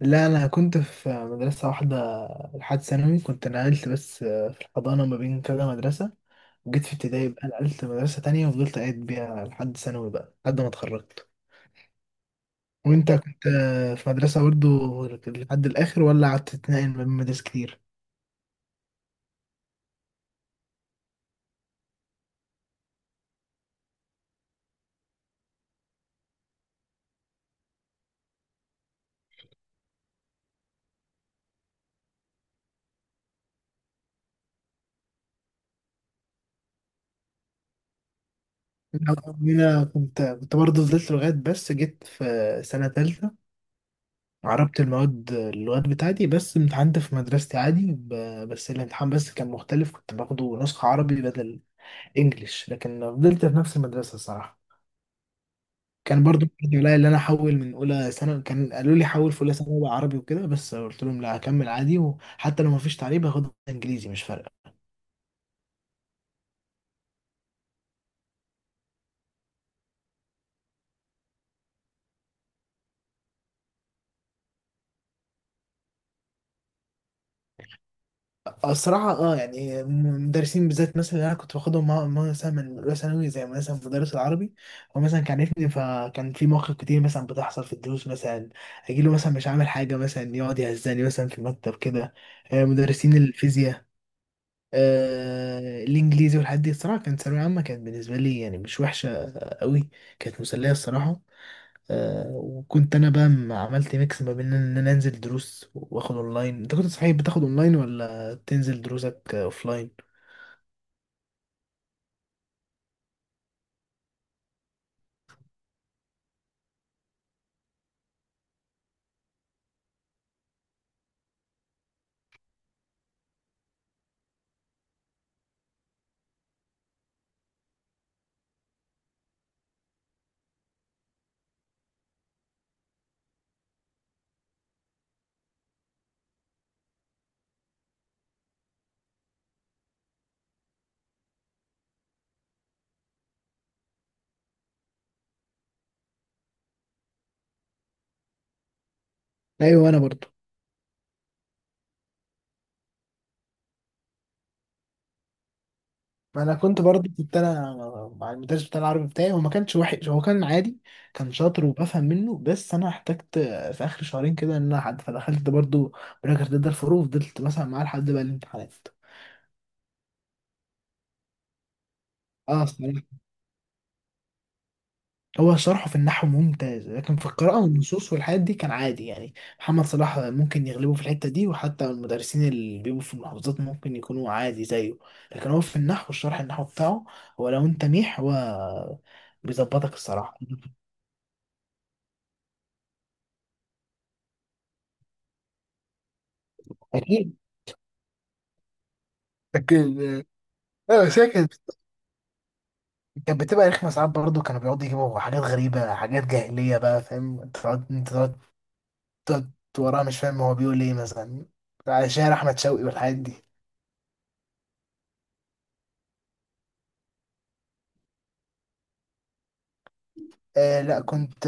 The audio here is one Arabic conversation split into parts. لا، انا كنت في مدرسه واحده لحد ثانوي. كنت نقلت بس في الحضانه ما بين كذا مدرسه. وجيت في ابتدائي بقى نقلت مدرسه تانية وفضلت قاعد بيها لحد ثانوي بقى لحد ما اتخرجت. وانت كنت في مدرسه برضو لحد الاخر، ولا قعدت تتنقل ما بين مدارس كتير؟ انا كنت برضو فضلت لغايه، بس جيت في سنه تالتة. عربت المواد اللغات بتاعتي، بس امتحنت في مدرستي عادي، بس الامتحان بس كان مختلف، كنت باخده نسخة عربي بدل انجليش، لكن فضلت في نفس المدرسه الصراحه. كان برضو عليا اللي انا احول من اولى ثانوي، كان قالوا لي حول في اولى ثانوي بقى عربي وكده، بس قلت لهم لا، هكمل عادي، وحتى لو ما فيش تعليم هاخد انجليزي مش فارقه. الصراحه يعني مدرسين بالذات مثلا اللي انا كنت باخدهم مثلا من اولى ثانوي زي مثلا مدرس العربي. هو مثلا كان عارفني، فكان في مواقف كتير مثلا بتحصل في الدروس مثلا. اجي له مثلا مش عامل حاجه، مثلا يقعد يهزني مثلا في المكتب كده. مدرسين الفيزياء، الانجليزي والحاجات دي، الصراحه كانت ثانويه عامه، كانت بالنسبه لي يعني مش وحشه قوي. كانت مسليه الصراحه. وكنت انا بقى عملت ميكس ما بين ان انا انزل دروس واخد اونلاين. انت كنت صحيح بتاخد اونلاين ولا تنزل دروسك اوفلاين؟ ايوه، انا برضو. ما انا كنت برضو كنت انا مع المدرس بتاع العربي بتاعي، هو ما كانش وحش، هو كان عادي. كان شاطر وبفهم منه، بس انا احتجت في اخر شهرين كده ان انا حد، فدخلت برضو براجر ضد الفروق، فضلت مثلا معاه لحد بقى الامتحانات. اه، هو شرحه في النحو ممتاز، لكن في القراءة والنصوص والحاجات دي كان عادي يعني. محمد صلاح ممكن يغلبه في الحتة دي، وحتى المدرسين اللي بيبقوا في المحافظات ممكن يكونوا عادي زيه. لكن هو في النحو، الشرح النحو بتاعه، هو لو انت ميح هو بيظبطك الصراحة. أكيد. لكن اه ساكن، كانت بتبقى رخمة ساعات برضه، كانوا بيقعدوا يجيبوا حاجات غريبة، حاجات جاهلية بقى فاهم، انت تقعد وراها مش فاهم هو بيقول ايه، مثلا شاعر أحمد شوقي والحاجات دي. لا، كنت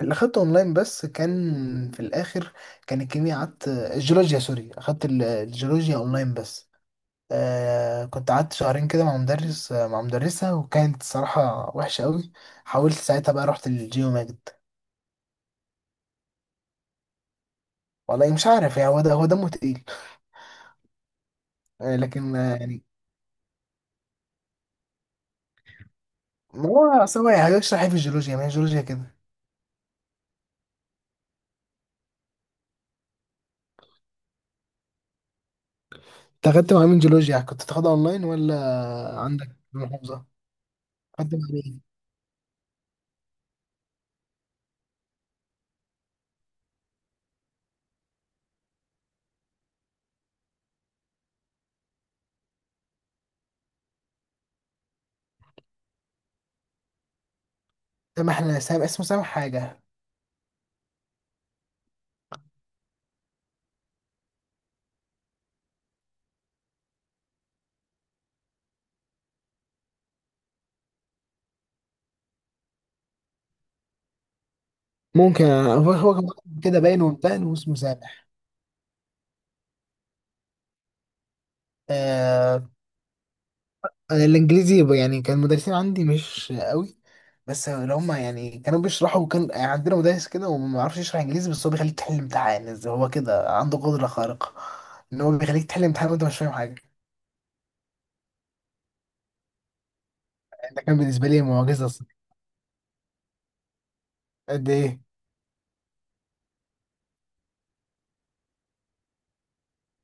اللي اخدته اونلاين بس كان في الاخر، كان الكيمياء، قعدت الجيولوجيا، سوري، اخدت الجيولوجيا اونلاين بس. كنت قعدت شهرين كده مع مدرس، مع مدرسة، وكانت صراحة وحشة قوي. حاولت ساعتها بقى رحت للجيو ماجد. والله مش عارف يعني، هو ده هو دمه تقيل. لكن يعني. ما هو أصل هو يعني هيشرح ايه في الجيولوجيا؟ ما هي الجيولوجيا كده. انت اخدت مع مين جيولوجيا يعني؟ كنت تاخدها اونلاين ولا عندك في المحافظة؟ اخدت مع مين؟ سامح، اسمه سامح حاجة. ممكن هو كان كده باين ومتان واسمه سامح. آه انا الانجليزي، يعني كان المدرسين عندي مش قوي. بس اللي هم يعني كانوا بيشرحوا، كان يعني عندنا مدرس كده وما يعرفش يشرح انجليزي، بس هو بيخليك تحل امتحان إزاي، هو كده عنده قدرة خارقة. ان هو بيخليك تحل امتحان وانت مش فاهم حاجة. يعني ده كان بالنسبة لي معجزة الصراحة. قد ايه؟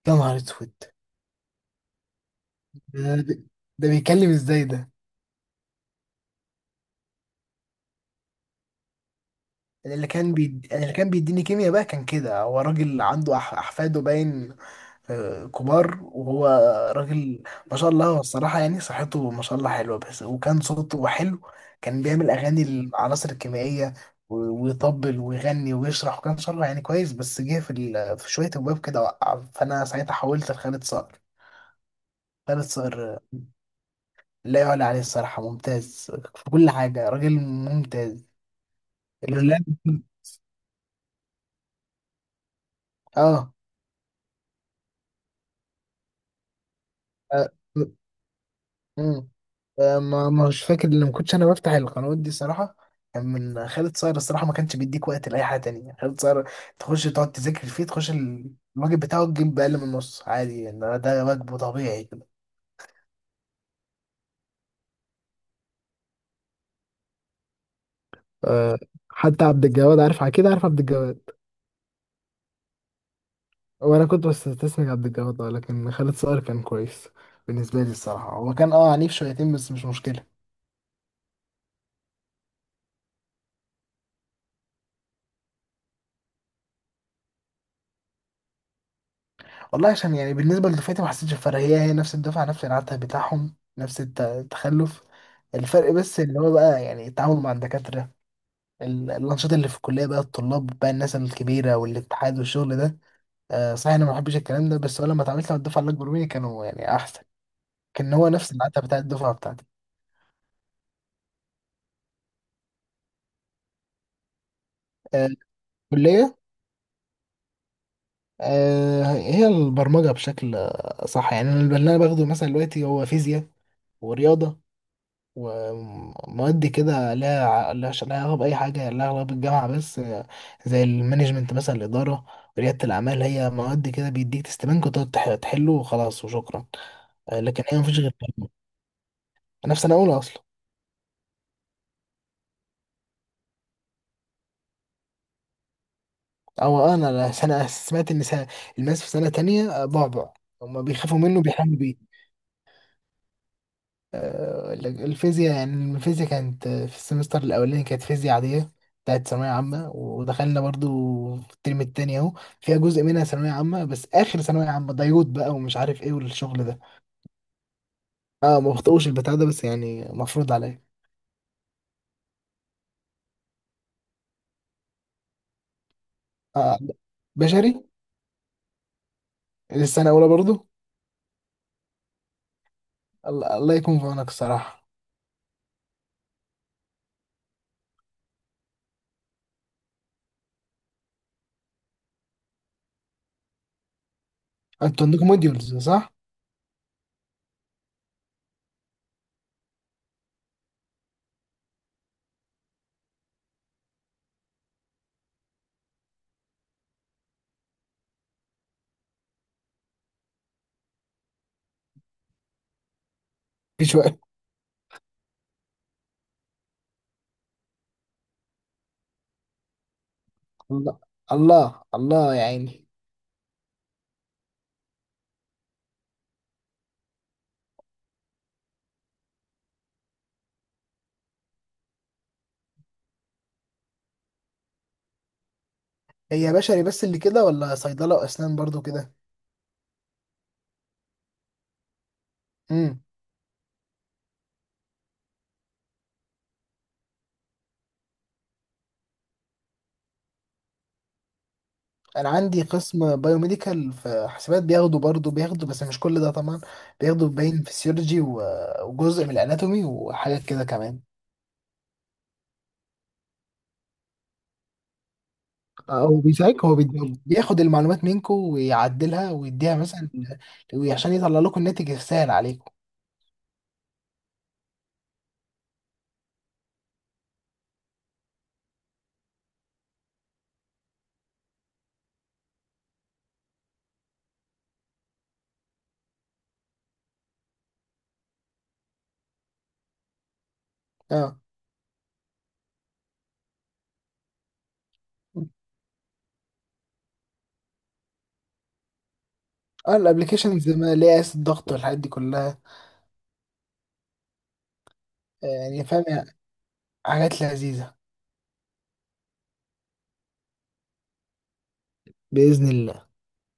يا نهار اسود! ده ده بيتكلم ازاي ده؟ أنا اللي كان بيديني كيمياء بقى، كان كده، هو راجل عنده احفاده باين، كبار، وهو راجل ما شاء الله. هو الصراحة يعني صحته ما شاء الله حلوة، بس وكان صوته حلو. كان بيعمل أغاني للعناصر الكيميائية و- ويطبل ويغني ويشرح، وكان شرح يعني كويس، بس جه في، في شوية أبواب كده وقع، فأنا ساعتها حولت لخالد صقر. خالد صقر، لا يعلى عليه الصراحة، ممتاز في كل حاجة، راجل ممتاز. الولاد. اه مم. ما مش فاكر ان ما كنتش انا بفتح القنوات دي صراحه. كان من خالد صاير الصراحه، ما كانش بيديك وقت لاي حاجه تانية خالد صاير. تخش تقعد تذاكر فيه، تخش الواجب بتاعه تجيب باقل من النص عادي يعني، ده واجبه طبيعي كده. آه، حتى عبد الجواد، عارف، اكيد عارف عبد الجواد. وانا كنت بستسمع عبد الجواد، لكن خالد صقر كان كويس. بالنسبه لي الصراحه، هو كان عنيف شويتين بس مش مشكله. والله عشان يعني بالنسبة لدفعتي ما حسيتش بفرق، هي نفس الدفعة، نفس العته بتاعهم، نفس التخلف. الفرق بس اللي هو بقى يعني التعامل مع الدكاترة، الأنشطة اللي في الكلية بقى، الطلاب بقى، الناس الكبيرة والاتحاد والشغل ده. صحيح، أنا ما بحبش الكلام ده، بس هو لما اتعاملت مع الدفعة اللي أكبر مني كانوا يعني أحسن. كان هو نفس العته بتاع الدفعة بتاعتي. آه، الكلية هي البرمجة بشكل صح يعني. أنا اللي أنا باخده مثلا دلوقتي هو فيزياء ورياضة ومواد كده لها علاقة بأي حاجة، لها علاقة بالجامعة بس زي المانجمنت مثلا الإدارة، ريادة الأعمال، هي مواد كده بيديك تستبانك وتقعد تحله وخلاص وشكرا. لكن هي مفيش غير كده. أنا في سنة أولى أصلا. أو أنا سنة، سمعت إن سنة الماس في سنة تانية، بعبع. هما بيخافوا منه، بيحلموا. الفيزياء يعني، الفيزياء كانت في السمستر الأولاني كانت فيزياء عادية بتاعت ثانوية عامة، ودخلنا برضو في الترم التاني أهو، فيها جزء منها ثانوية عامة، بس آخر ثانوية عامة ديود بقى ومش عارف إيه والشغل ده. أه، ما بخطئوش البتاع ده بس يعني مفروض عليا. أه، بشري. السنة الأولى برضو. الله، الله يكون في عونك الصراحة. أنتوا عندكم موديولز صح؟ في شوية. الله الله الله يا عيني. هي بشري بس اللي كده ولا صيدلة وأسنان برضو كده؟ امم. انا عندي قسم بايوميديكال في حسابات، بياخدوا برضه بياخدوا بس مش كل ده طبعا. بياخدوا باين فسيولوجي وجزء من الاناتومي وحاجات كده كمان. هو بيساعدك، هو بياخد المعلومات منكم ويعدلها ويديها مثلا، عشان يطلع لكم الناتج السهل عليكم. اه. اه، الابلكيشنز اللي هي قياس الضغط والحاجات دي كلها. يعني فاهم يعني، حاجات لذيذة. بإذن الله.